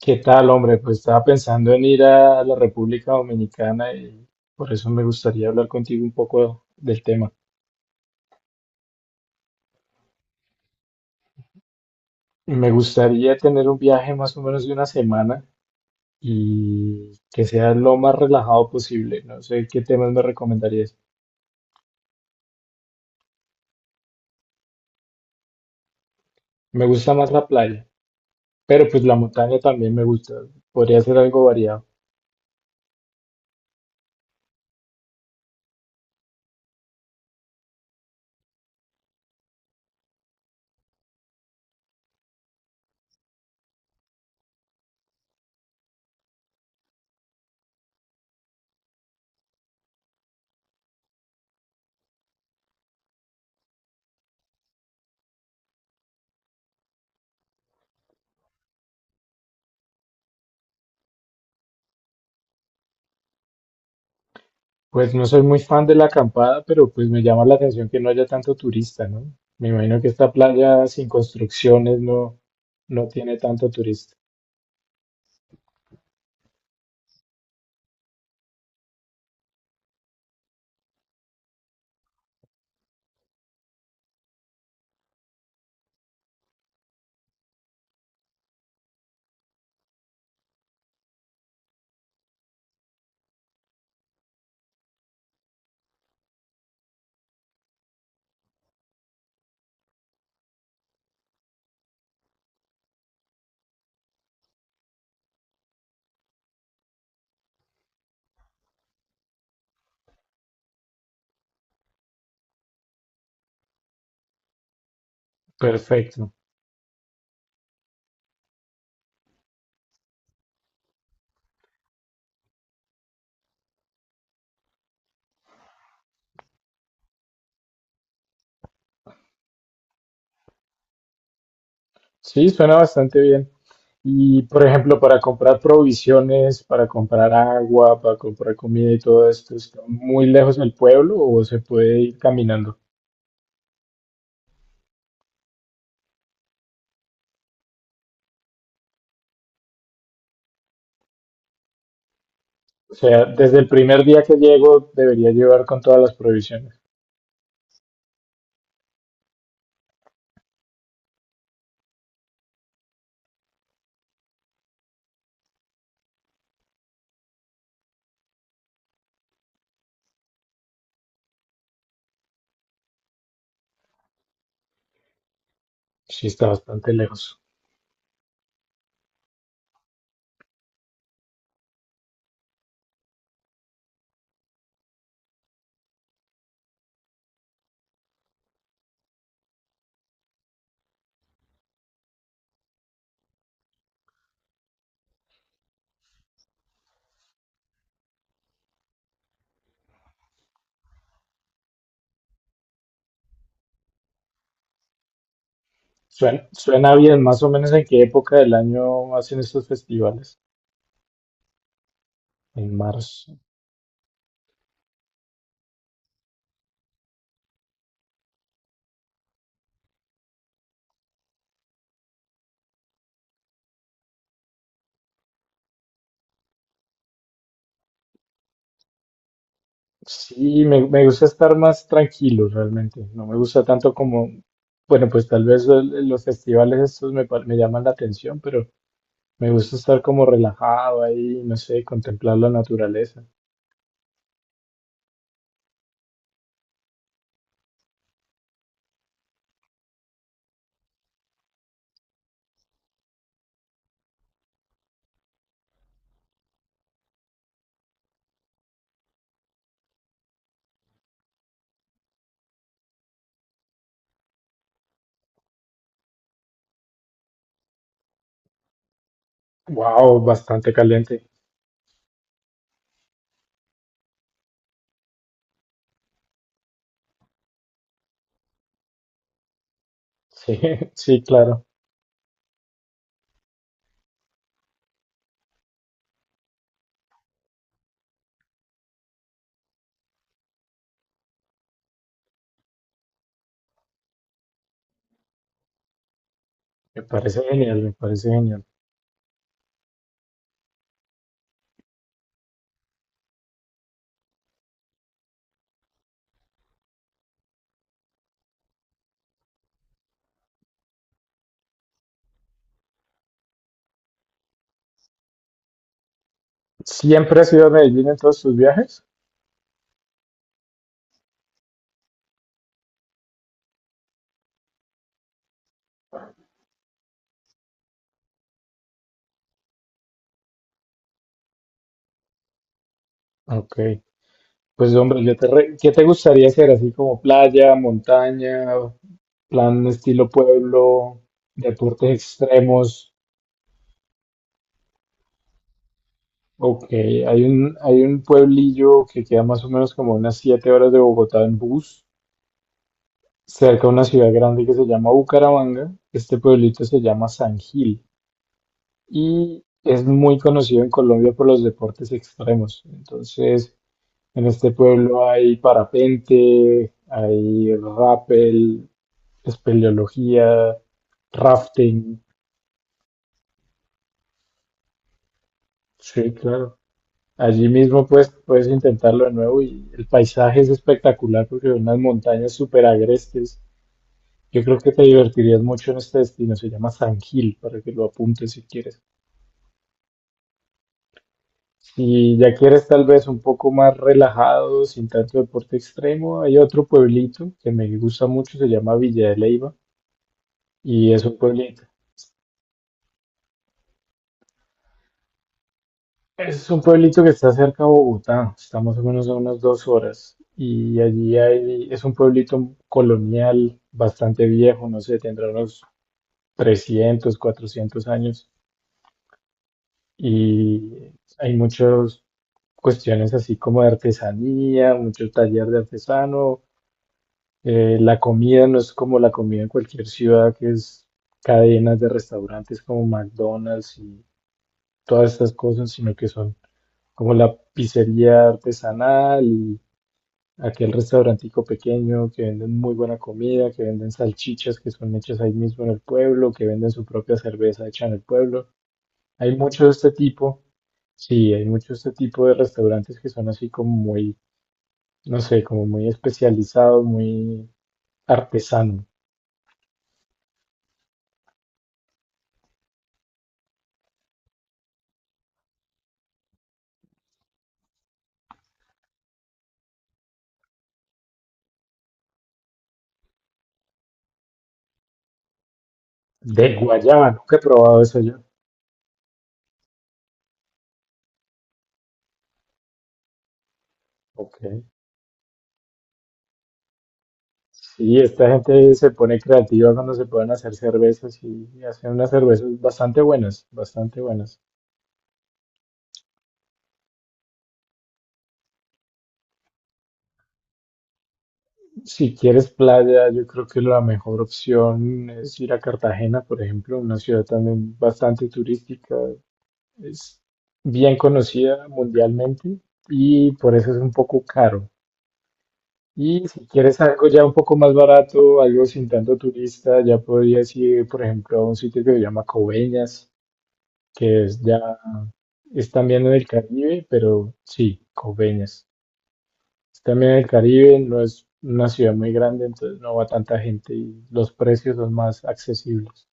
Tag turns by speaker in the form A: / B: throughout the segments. A: ¿Qué tal, hombre? Pues estaba pensando en ir a la República Dominicana y por eso me gustaría hablar contigo un poco del tema. Me gustaría tener un viaje más o menos de una semana y que sea lo más relajado posible. No sé qué temas me recomendarías. Me gusta más la playa, pero pues la montaña también me gusta. Podría ser algo variado. Pues no soy muy fan de la acampada, pero pues me llama la atención que no haya tanto turista, ¿no? Me imagino que esta playa sin construcciones no tiene tanto turista. Perfecto. Sí, suena bastante bien. Y, por ejemplo, para comprar provisiones, para comprar agua, para comprar comida y todo esto, ¿está muy lejos del pueblo o se puede ir caminando? O sea, desde el primer día que llego debería llevar con todas las provisiones. Sí, está bastante lejos. Suena, suena bien, ¿más o menos en qué época del año hacen estos festivales? En marzo. Sí, me gusta estar más tranquilo realmente. No me gusta tanto como, bueno, pues tal vez los festivales estos me llaman la atención, pero me gusta estar como relajado ahí, no sé, contemplar la naturaleza. Wow, bastante caliente. Sí, sí, claro. Me parece genial, me parece genial. ¿Siempre has ido a Medellín en todos tus viajes? Ok. Pues hombre, ¿qué te gustaría hacer? Así como playa, montaña, plan estilo pueblo, deportes extremos. Ok, hay un pueblillo que queda más o menos como unas 7 horas de Bogotá en bus, cerca de una ciudad grande que se llama Bucaramanga. Este pueblito se llama San Gil y es muy conocido en Colombia por los deportes extremos. Entonces, en este pueblo hay parapente, hay rappel, espeleología, rafting. Sí, claro. Allí mismo pues puedes intentarlo de nuevo y el paisaje es espectacular porque son unas montañas súper agrestes. Yo creo que te divertirías mucho en este destino. Se llama San Gil para que lo apuntes si quieres. Si ya quieres tal vez un poco más relajado, sin tanto deporte extremo, hay otro pueblito que me gusta mucho, se llama Villa de Leyva y es un pueblito. Es un pueblito que está cerca de Bogotá, está más o menos a unas 2 horas. Y allí hay, es un pueblito colonial bastante viejo, no sé, tendrá unos 300, 400 años. Y hay muchas cuestiones así como de artesanía, mucho taller de artesano. La comida no es como la comida en cualquier ciudad, que es cadenas de restaurantes como McDonald's y todas estas cosas, sino que son como la pizzería artesanal y aquel restaurantico pequeño que venden muy buena comida, que venden salchichas que son hechas ahí mismo en el pueblo, que venden su propia cerveza hecha en el pueblo. Hay mucho de este tipo, sí, hay mucho de este tipo de restaurantes que son así como muy, no sé, como muy especializados, muy artesano. De guayaba, nunca he probado eso yo. Ok. Sí, esta gente se pone creativa cuando se pueden hacer cervezas y hacen unas cervezas bastante buenas, bastante buenas. Si quieres playa, yo creo que la mejor opción es ir a Cartagena, por ejemplo, una ciudad también bastante turística, es bien conocida mundialmente y por eso es un poco caro. Y si quieres algo ya un poco más barato, algo sin tanto turista, ya podrías ir, por ejemplo, a un sitio que se llama Coveñas, que es ya, es también en el Caribe, pero sí, Coveñas. También el Caribe no es una ciudad muy grande, entonces no va tanta gente y los precios son más accesibles.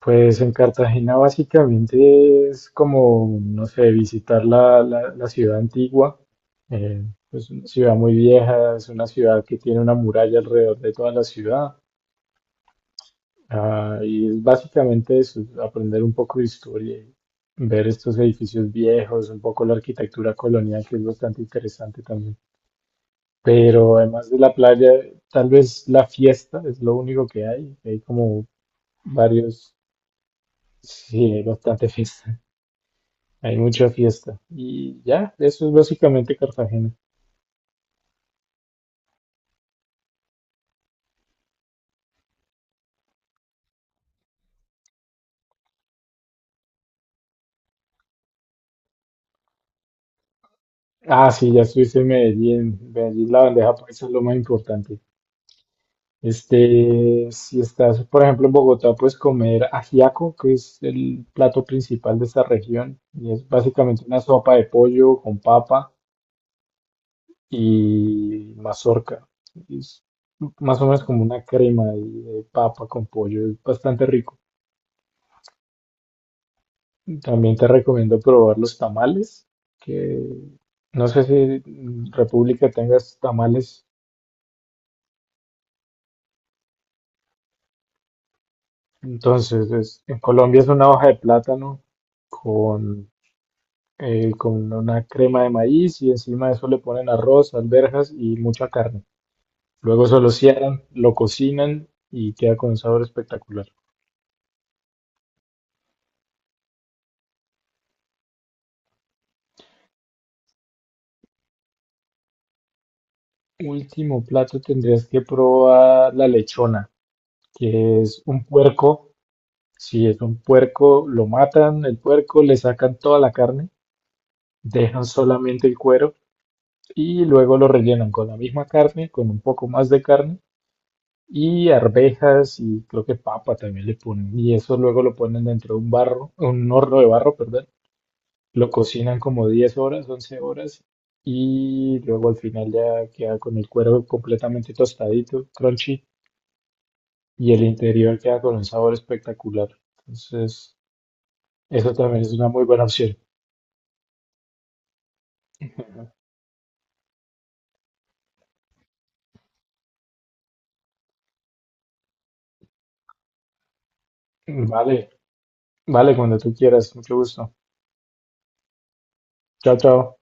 A: Pues en Cartagena básicamente es como, no sé, visitar la ciudad antigua. Eh, es una ciudad muy vieja, es una ciudad que tiene una muralla alrededor de toda la ciudad. Ah, y es básicamente eso, aprender un poco de historia y ver estos edificios viejos, un poco la arquitectura colonial, que es bastante interesante también. Pero además de la playa, tal vez la fiesta es lo único que hay. Hay como varios, sí, hay bastante fiesta. Hay mucha fiesta. Y ya, eso es básicamente Cartagena. Ah, sí, ya estuviste en Medellín. Medellín, la bandeja paisa es lo más importante. Este, si estás, por ejemplo, en Bogotá, puedes comer ajiaco, que es el plato principal de esta región. Y es básicamente una sopa de pollo con papa y mazorca. Es más o menos como una crema ahí de papa con pollo, es bastante rico. También te recomiendo probar los tamales, que no sé si en República tengas tamales. Entonces, en Colombia es una hoja de plátano con, con una crema de maíz y encima de eso le ponen arroz, alberjas y mucha carne. Luego se lo cierran, lo cocinan y queda con un sabor espectacular. Último plato tendrías que probar la lechona, que es un puerco. Si es un puerco, lo matan, el puerco, le sacan toda la carne, dejan solamente el cuero y luego lo rellenan con la misma carne, con un poco más de carne y arvejas y creo que papa también le ponen. Y eso luego lo ponen dentro de un barro, un horno de barro, perdón. Lo cocinan como 10 horas, 11 horas y luego al final ya queda con el cuero completamente tostadito, crunchy. Y el interior queda con un sabor espectacular. Entonces, eso también es una muy buena opción. Vale, vale, cuando tú quieras. Mucho gusto. Chao, chao.